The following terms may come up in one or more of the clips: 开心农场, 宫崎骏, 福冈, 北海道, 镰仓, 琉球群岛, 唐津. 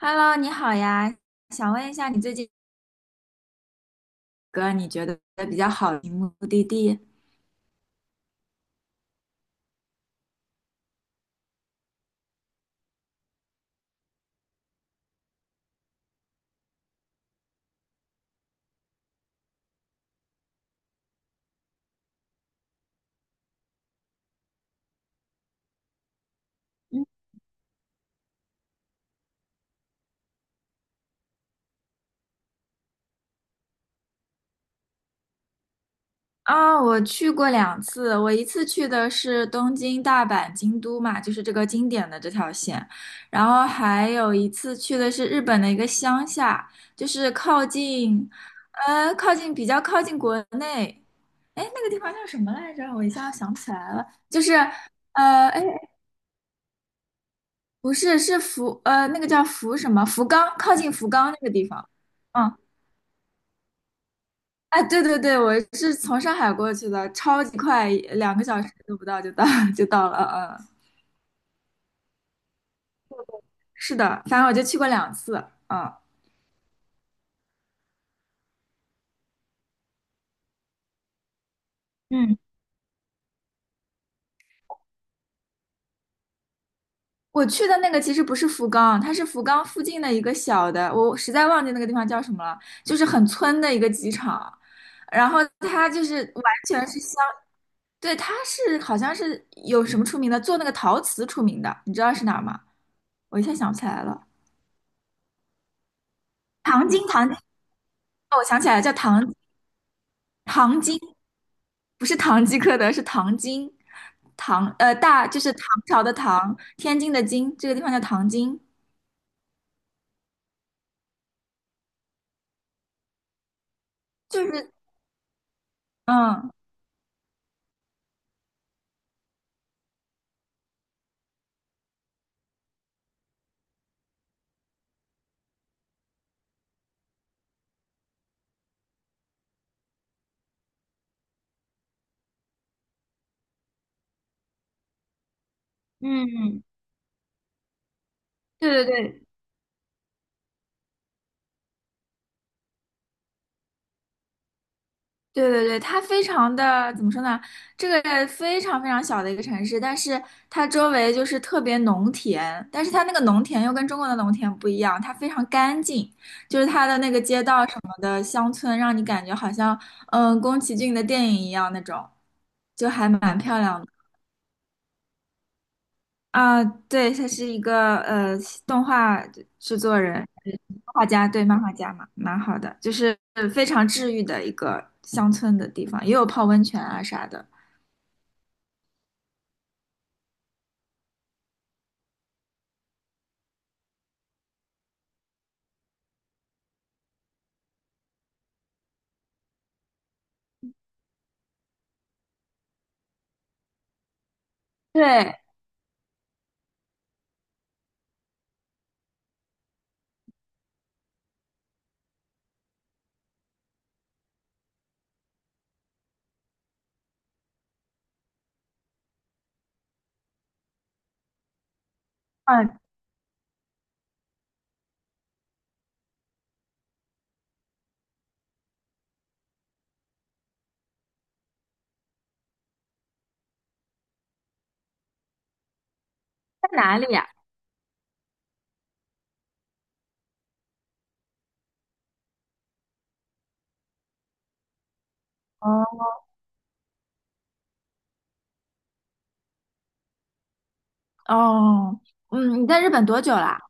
Hello，你好呀，想问一下你最近个你觉得比较好的目的地？嗯我去过两次，我一次去的是东京、大阪、京都嘛，就是这个经典的这条线，然后还有一次去的是日本的一个乡下，就是靠近，靠近比较靠近国内，哎，那个地方叫什么来着？我一下想不起来了，就是，哎，不是，是那个叫福什么？福冈，靠近福冈那个地方。嗯，哎，对对对，我是从上海过去的，超级快，两个小时都不到就到 就到了。嗯，是的，反正我就去过两次。嗯嗯。我去的那个其实不是福冈，它是福冈附近的一个小的，我实在忘记那个地方叫什么了，就是很村的一个机场，然后它就是完全是相，对，它是好像是有什么出名的，做那个陶瓷出名的，你知道是哪儿吗？我一下想不起来了，糖精，哦，我想起来了，叫糖精，不是堂吉诃德，是糖精，就是唐朝的唐，天津的津，这个地方叫唐津，就是嗯。嗯。对对对对对对，它非常的怎么说呢？这个非常小的一个城市，但是它周围就是特别农田，但是它那个农田又跟中国的农田不一样，它非常干净，就是它的那个街道什么的，乡村让你感觉好像宫崎骏的电影一样那种，就还蛮漂亮的。啊，对，他是一个动画制作人、漫画家，对，漫画家嘛，蛮好的，就是非常治愈的一个乡村的地方，也有泡温泉啊啥的。对，嗯，在哪里呀？哦哦，嗯，你在日本多久啦？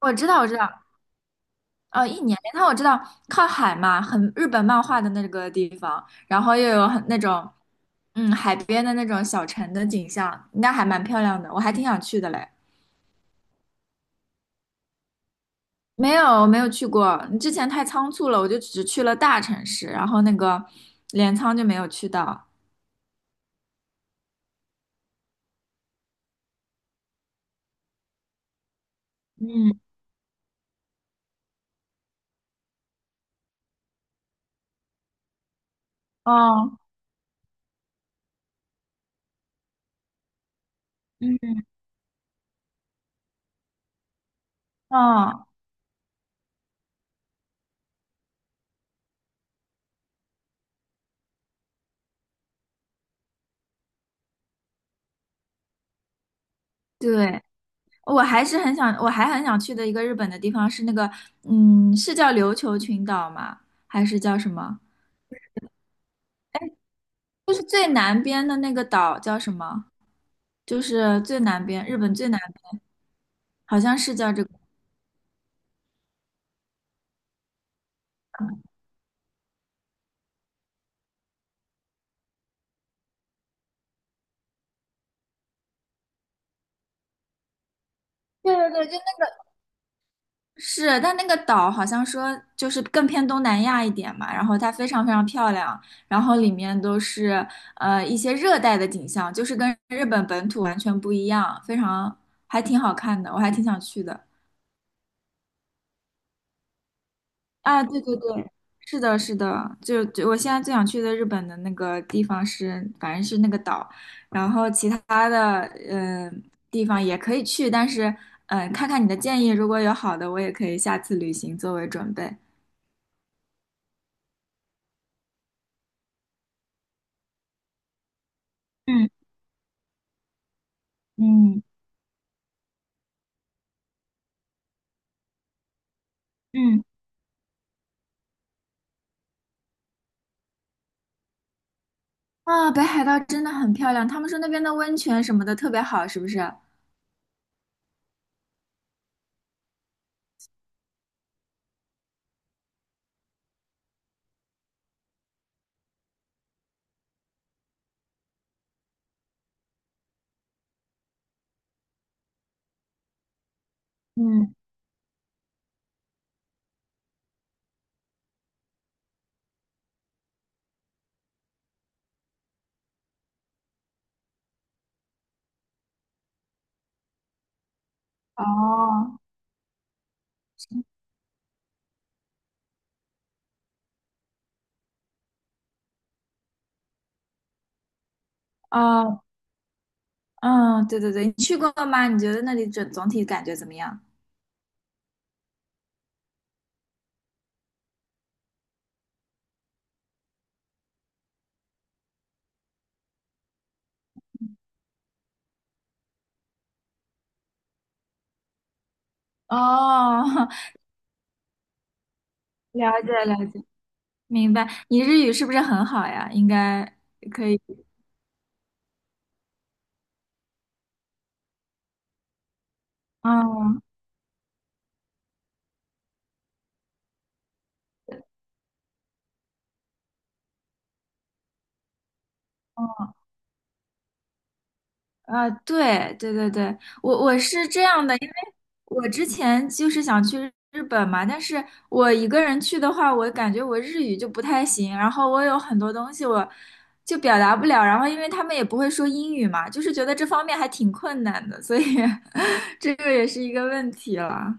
我知道，我知道，一年。但我知道靠海嘛，很日本漫画的那个地方，然后又有很那种海边的那种小城的景象，那还蛮漂亮的，我还挺想去的嘞。没有，我没有去过。你之前太仓促了，我就只去了大城市，然后那个镰仓就没有去到。嗯哦，嗯，哦，对，我还很想去的一个日本的地方是那个，嗯，是叫琉球群岛吗？还是叫什么？就是最南边的那个岛叫什么？就是最南边，日本最南，好像是叫这个。对对对，就。是，但那个岛好像说就是更偏东南亚一点嘛，然后它非常非常漂亮，然后里面都是一些热带的景象，就是跟日本本土完全不一样，非常还挺好看的，我还挺想去的。啊，对对对，是的，是的，就我现在最想去的日本的那个地方是，反正是那个岛，然后其他的嗯、呃地方也可以去，但是看看你的建议，如果有好的，我也可以下次旅行作为准备。嗯嗯。嗯，啊，北海道真的很漂亮，他们说那边的温泉什么的特别好，是不是？嗯，哦，哦，嗯，对对对，你去过吗？你觉得那里整总体感觉怎么样？哦，了解了解，明白。你日语是不是很好呀？应该可以。嗯对对对对，我是这样的，因为我之前就是想去日本嘛，但是我一个人去的话，我感觉我日语就不太行，然后我有很多东西我就表达不了，然后因为他们也不会说英语嘛，就是觉得这方面还挺困难的，所以 这个也是一个问题了。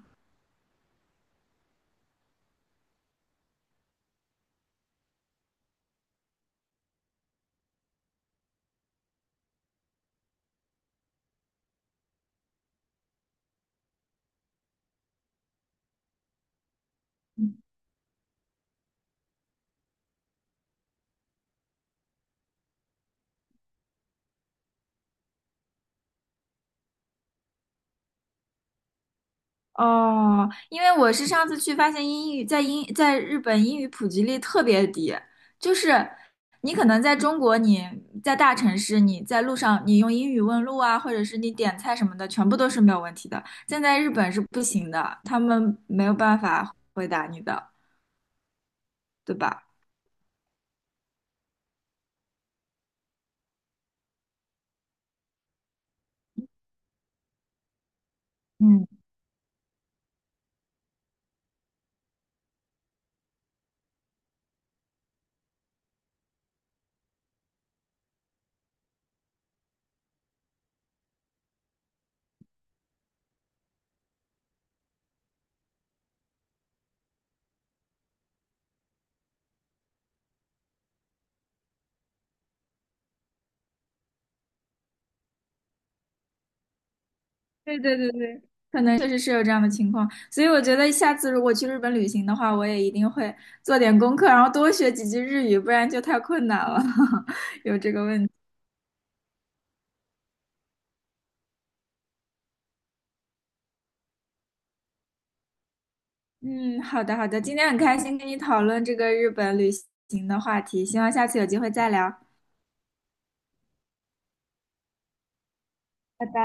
哦，因为我是上次去发现英语在日本英语普及率特别低，就是你可能在中国你在大城市你在路上你用英语问路啊，或者是你点菜什么的，全部都是没有问题的。现在日本是不行的，他们没有办法回答你的，对吧？嗯。对对对对，可能确实是有这样的情况，所以我觉得下次如果去日本旅行的话，我也一定会做点功课，然后多学几句日语，不然就太困难了，有这个问题。嗯，好的好的，今天很开心跟你讨论这个日本旅行的话题，希望下次有机会再聊，拜拜。